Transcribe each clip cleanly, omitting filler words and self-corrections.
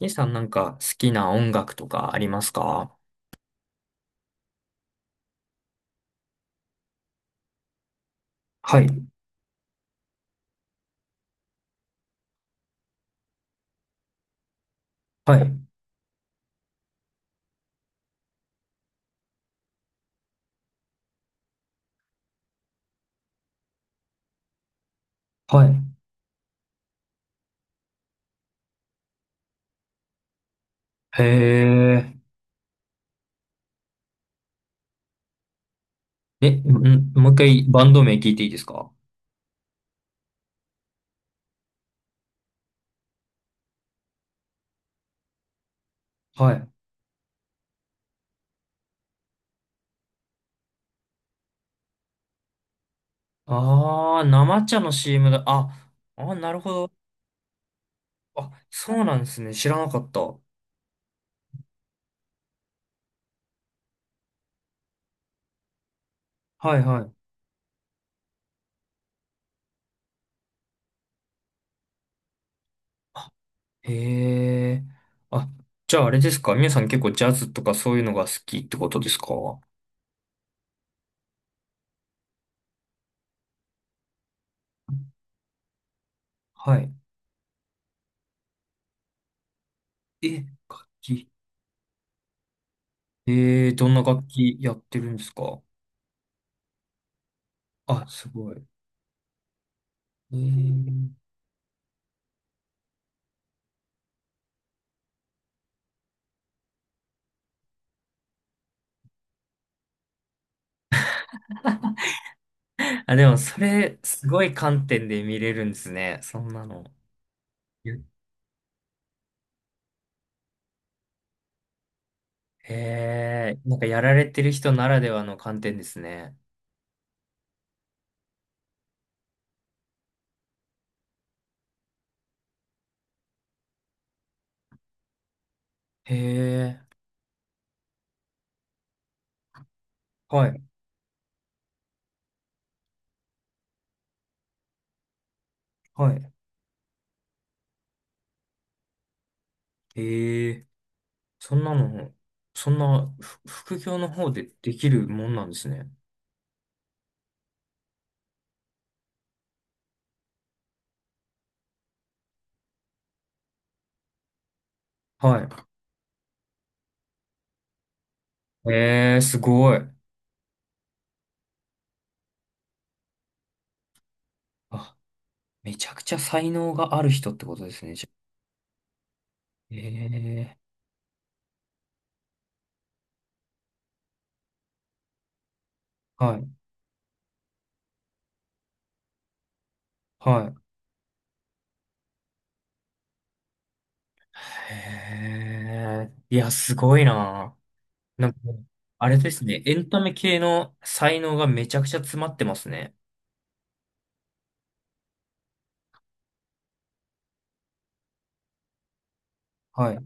イさんなんか好きな音楽とかありますか？はい、はい、はい。へえ。え、ん、もう一回バンド名聞いていいですか？はい。ああー、生茶の CM だ。あ、あ、なるほど。あ、そうなんですね。知らなかった。はいはい。へえ。あ、じゃああれですか、皆さん結構ジャズとかそういうのが好きってことですか？はい。え、楽器。ええ、どんな楽器やってるんですか？あ、すごい。えー、あ、でも、それ、すごい観点で見れるんですね。そんなの。ゆ、へえ、なんかやられてる人ならではの観点ですね。へえ、はい、はい。へえ、そんなの、そんな、ふ副業の方でできるもんなんですね。はい。へえ、すごい。あ、めちゃくちゃ才能がある人ってことですね、じゃあ。へえ、はい、はい。へえ、いや、すごいな。なんか、あれですね。エンタメ系の才能がめちゃくちゃ詰まってますね。はい。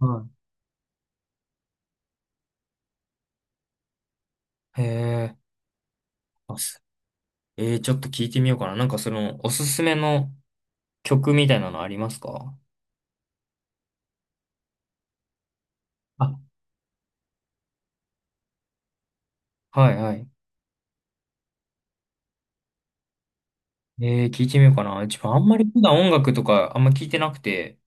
はい。へえ。あす、えー、ちょっと聞いてみようかな。なんかその、おすすめの曲みたいなのありますか？あ、はいはい。えー、聞いてみようかな。自分あんまり普段音楽とかあんま聞いてなくて、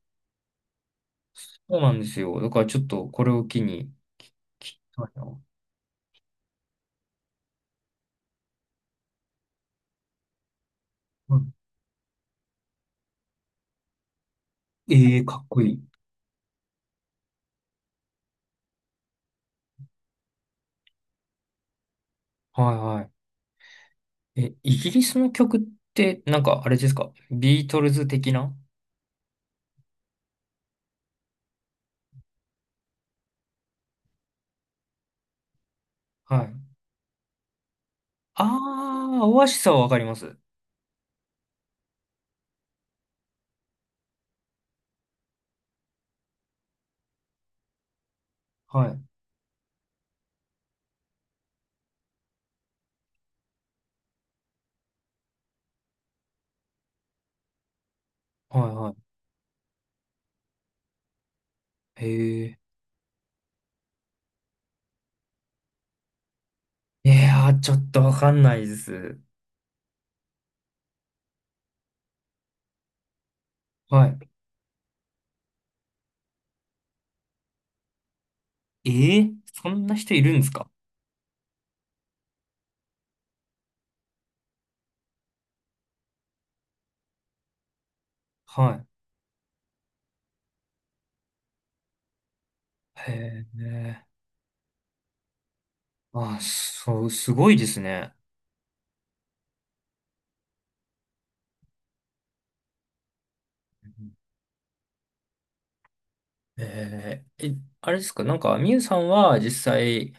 そうなんですよ。だからちょっとこれを機に聞きたいな。うん。ええ、かっこいい。はいはい。え、イギリスの曲って、なんかあれですか、ビートルズ的な？はい。ああ、オアシスはわかります。はい。はいはい。へえ。いやー、ちょっとわかんないです。はい。えー、そんな人いるんですか？はい。へえ。あそう、すごいですね。えー、え、あれですか、なんか、みゆさんは実際、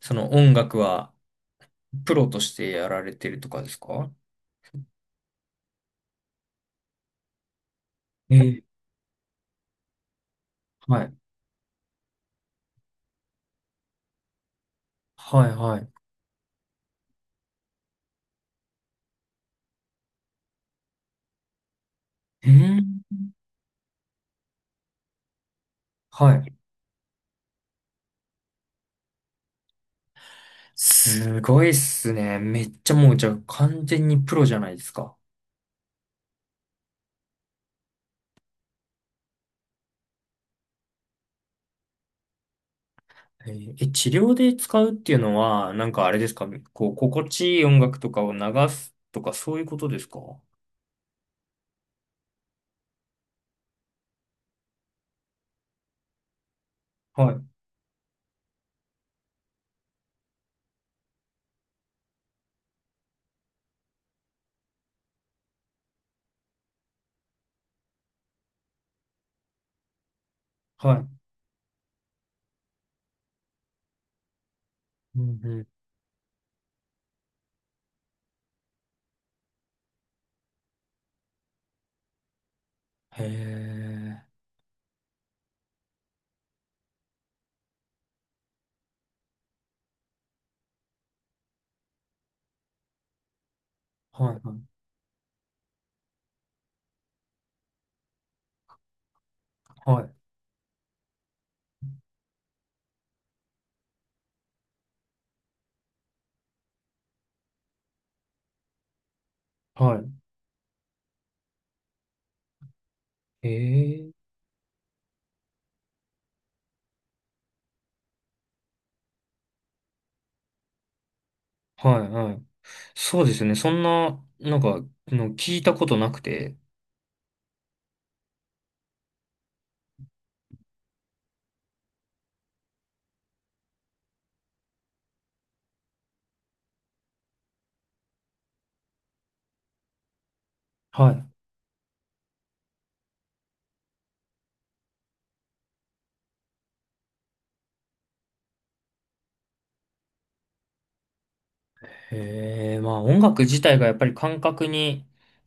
その音楽はプロとしてやられてるとかですか？えー、はい。はいはい。うん。はい。すごいっすね。めっちゃもう、じゃあ完全にプロじゃないですか。えー、え、治療で使うっていうのは、なんかあれですか、こう、心地いい音楽とかを流すとか、そういうことですか？はい、はい。うんうん。へえ。はい、はい、はい。はい。へえ。はい、はい。そうですね。そんな、なんか、の聞いたことなくて。はい。へえ。まあ、音楽自体がやっぱり感覚に、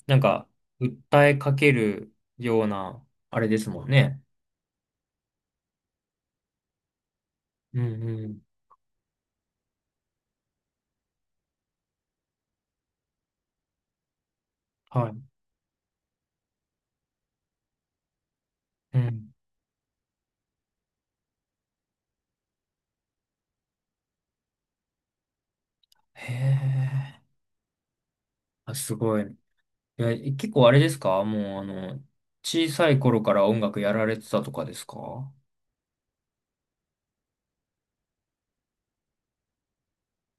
なんか、訴えかけるような、あれですもんね。うんうん。はい。うん。へえ。あ、すごい。いや結構あれですか、もう、あの、小さい頃から音楽やられてたとかですか？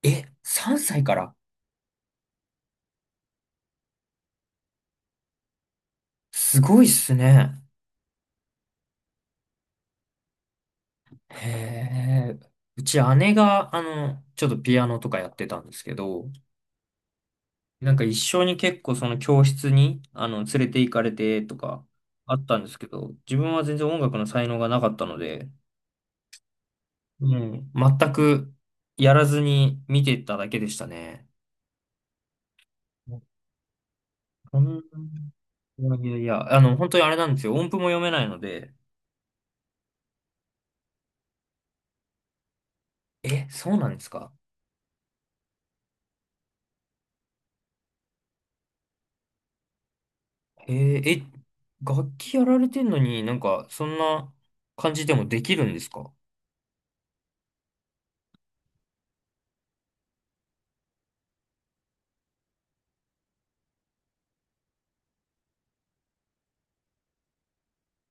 え、3歳から？すごいっすね。へえ。うち姉が、あの、ちょっとピアノとかやってたんですけど、なんか一緒に結構その教室に、あの、連れて行かれてとかあったんですけど、自分は全然音楽の才能がなかったので、うん、全くやらずに見てただけでしたね。うん、いやいやいや、あの、本当にあれなんですよ。音符も読めないので。え、そうなんですか？え、え、楽器やられてんのになんか、そんな感じでもできるんですか？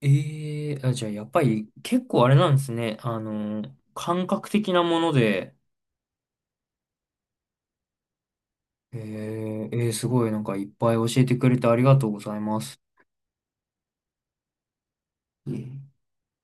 ええ、あ、じゃあやっぱり結構あれなんですね。あの、感覚的なもので、えー、えー、すごい、なんかいっぱい教えてくれてありがとうございます。えー